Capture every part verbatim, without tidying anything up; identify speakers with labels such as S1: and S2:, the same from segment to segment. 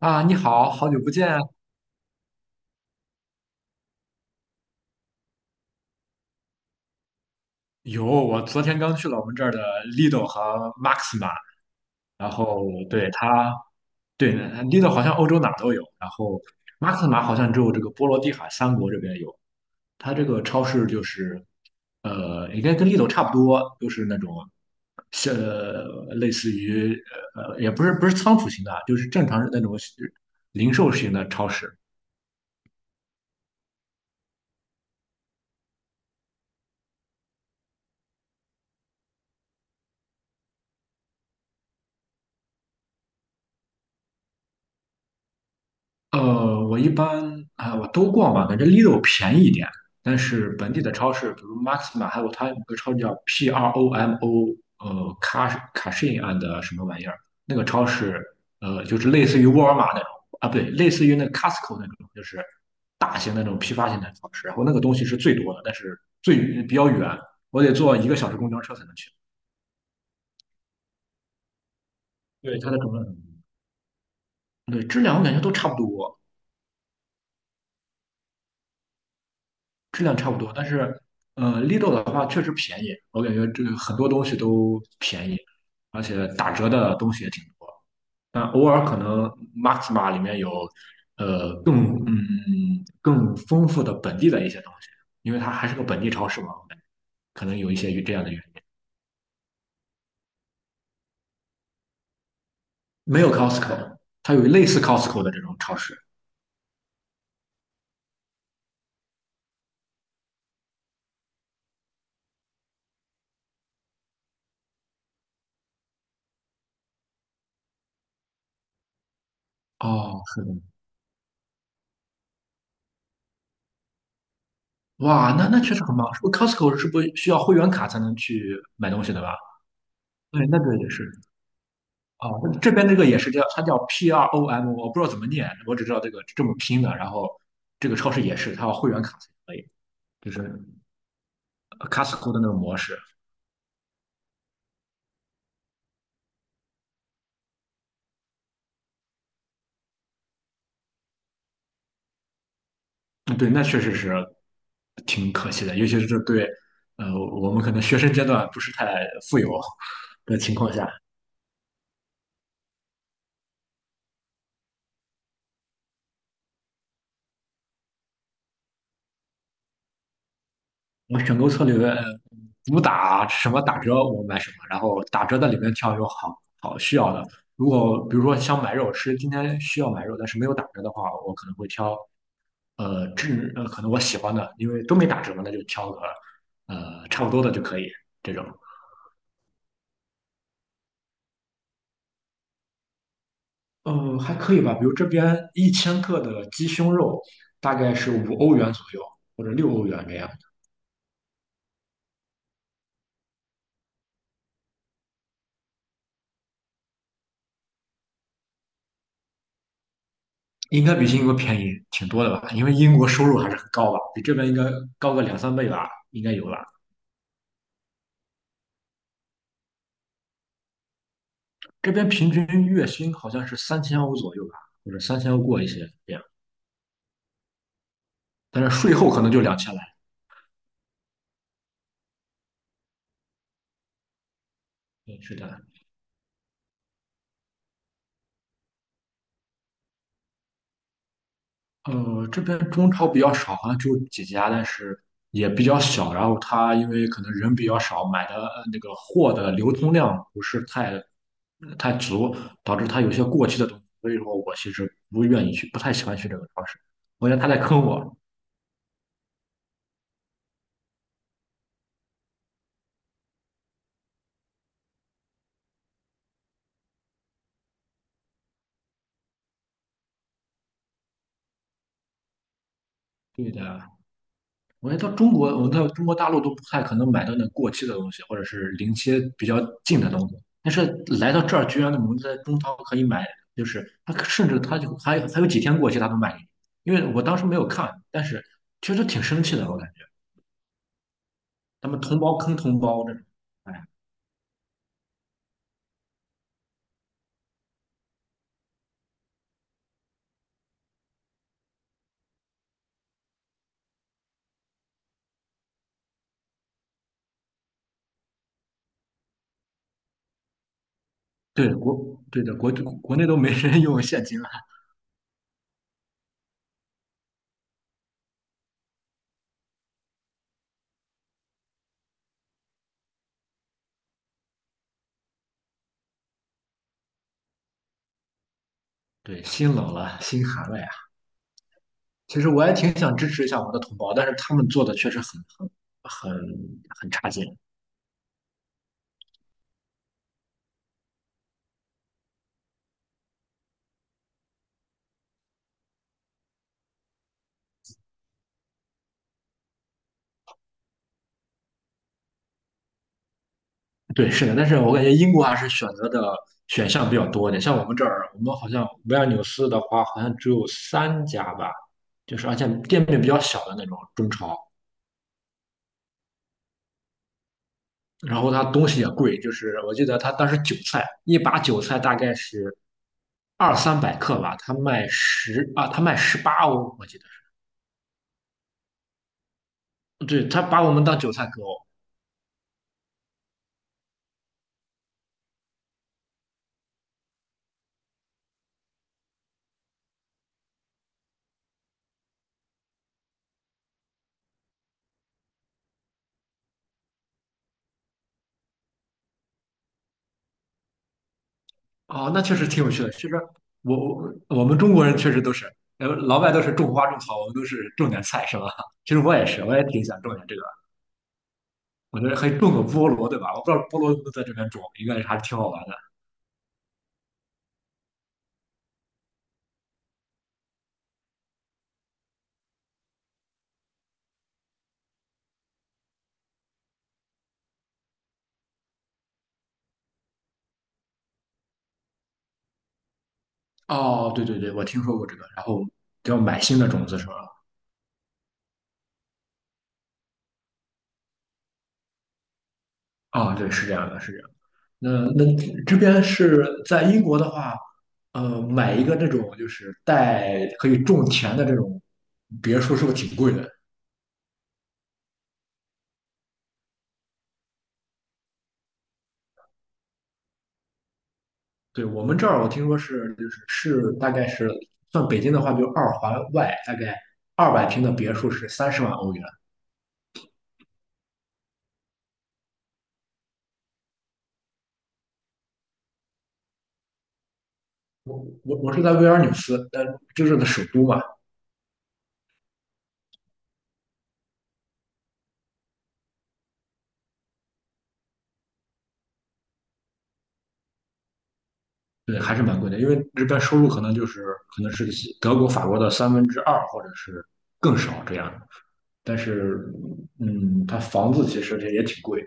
S1: 啊，你好，好久不见啊。有，我昨天刚去了我们这儿的 l i d o 和 Maxima，然后对它，对 l i d o 好像欧洲哪儿都有，然后 Maxima 好像只有这个波罗的海三国这边有。它这个超市就是，呃，应该跟 l i d o 差不多，都是那种，像类似于呃，也不是不是仓储型的啊，就是正常那种零售型的超市。呃，我一般啊、我都逛吧，感觉 Lidl 便宜一点，但是本地的超市，比如 Maxima，还有它有个超市叫 promo，呃，卡卡什 i and 什么玩意儿，那个超市，呃，就是类似于沃尔玛那种啊，不对，类似于那 Costco 那种，就是大型那种批发型的超市，然后那个东西是最多的，但是最比较远，我得坐一个小时公交车才能去，对它的整个对质量我感觉都差不多，质量差不多，但是呃，Lidl 的话确实便宜，我感觉这个很多东西都便宜，而且打折的东西也挺多。但偶尔可能 Maxima 里面有呃更嗯更丰富的本地的一些东西，因为它还是个本地超市嘛，我感觉可能有一些与这样的原因。没有 Costco，它有类似 Costco 的这种超市。哦，是的。哇，那那确实很棒。是不是 Costco 是不是需要会员卡才能去买东西的吧？对，那个也是。哦，这边那个也是叫，它叫 P R O M，我不知道怎么念，我只知道这个这么拼的。然后这个超市也是，它要会员卡才可以，就是 Costco 的那种模式。嗯对，那确实是挺可惜的，尤其是对呃我们可能学生阶段不是太富有的情况下。我选购策略主打什么打折我买什么，然后打折的里面挑有好好需要的。如果比如说想买肉吃，今天需要买肉，但是没有打折的话，我可能会挑呃质呃可能我喜欢的，因为都没打折嘛，那就挑个呃差不多的就可以这种。嗯，还可以吧，比如这边一千克的鸡胸肉大概是五欧元左右或者六欧元这样。应该比英国便宜挺多的吧？因为英国收入还是很高吧，比这边应该高个两三倍吧，应该有吧。这边平均月薪好像是三千欧左右吧，或者三千欧过一些这样，但是税后可能就两千来。对，是的。呃，这边中超比较少，好像只有几家，但是也比较小。然后他因为可能人比较少，买的呃那个货的流通量不是太太足，导致他有些过期的东西。所以说我其实不愿意去，不太喜欢去这个超市，我觉得他在坑我。对的，我觉得到中国，我到中国大陆都不太可能买到那过期的东西，或者是临期比较近的东西。但是来到这儿，居然我们在中超可以买，就是他甚至他就还有还有几天过期，他都卖给你。因为我当时没有看，但是确实挺生气的，我感觉他们同胞坑同胞这种。哎，对国对的国国内都没人用现金了，对，心冷了，心寒了呀。其实我也挺想支持一下我的同胞，但是他们做的确实很很很很差劲。对，是的，但是我感觉英国还是选择的选项比较多一点。像我们这儿，我们好像维尔纽斯的话，好像只有三家吧，就是而且店面比较小的那种中超，然后它东西也贵，就是我记得他当时韭菜一把韭菜大概是二三百克吧，他卖十啊，他卖十八欧，我记得是，对，他把我们当韭菜割哦。哦，那确实挺有趣的。其实我我我们中国人确实都是，呃，老外都是种花种草，我们都是种点菜，是吧？其实我也是，我也挺想种点这个。我觉得可以种个菠萝，对吧？我不知道菠萝能不能在这边种，应该还是挺好玩的。哦，对对对，我听说过这个。然后要买新的种子是吧？哦，对，是这样的，是这样的那那这这边是在英国的话，呃，买一个那种就是带可以种田的这种别墅，是不是挺贵的？对，我们这儿我听说是就是是大概是算北京的话，就二环外大概二百平的别墅是三十万欧元。我我是在维尔纽斯，但就是的首都嘛，对，还是蛮贵的，因为这边收入可能就是可能是德国、法国的三分之二或者是更少这样的。但是，嗯，它房子其实也也挺贵。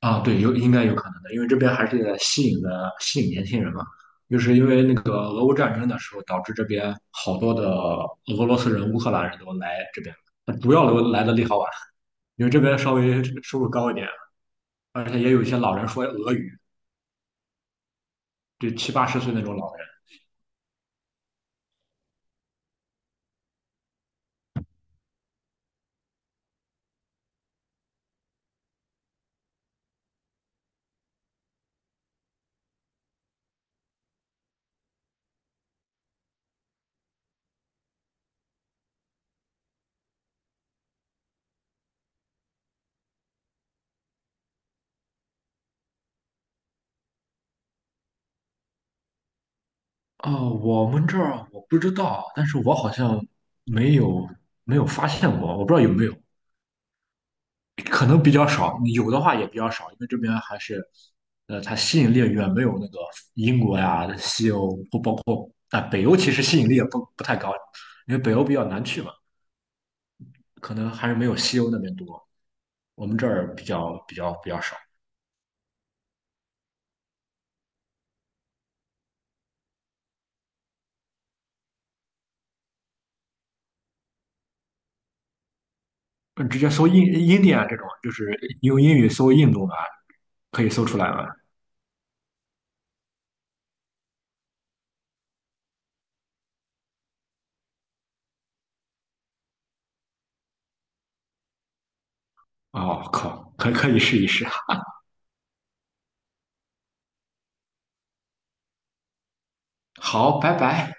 S1: 啊，对，有应该有可能的，因为这边还是在吸引的吸引年轻人嘛，就是因为那个俄乌战争的时候，导致这边好多的俄罗斯人、乌克兰人都来这边，呃主要都来的利陶宛，因为这边稍微收入高一点，而且也有一些老人说俄语，就七八十岁那种老人。啊，我们这儿我不知道，但是我好像没有没有发现过，我不知道有没有。可能比较少，有的话也比较少，因为这边还是，呃，它吸引力远没有那个英国呀、西欧不包括啊、北欧，其实吸引力也不不太高，因为北欧比较难去嘛，可能还是没有西欧那边多。我们这儿比较比较比较少，嗯，直接搜印印第安这种，就是用英语搜印度啊，可以搜出来吗？哦，靠，可可以试一试。好，拜拜。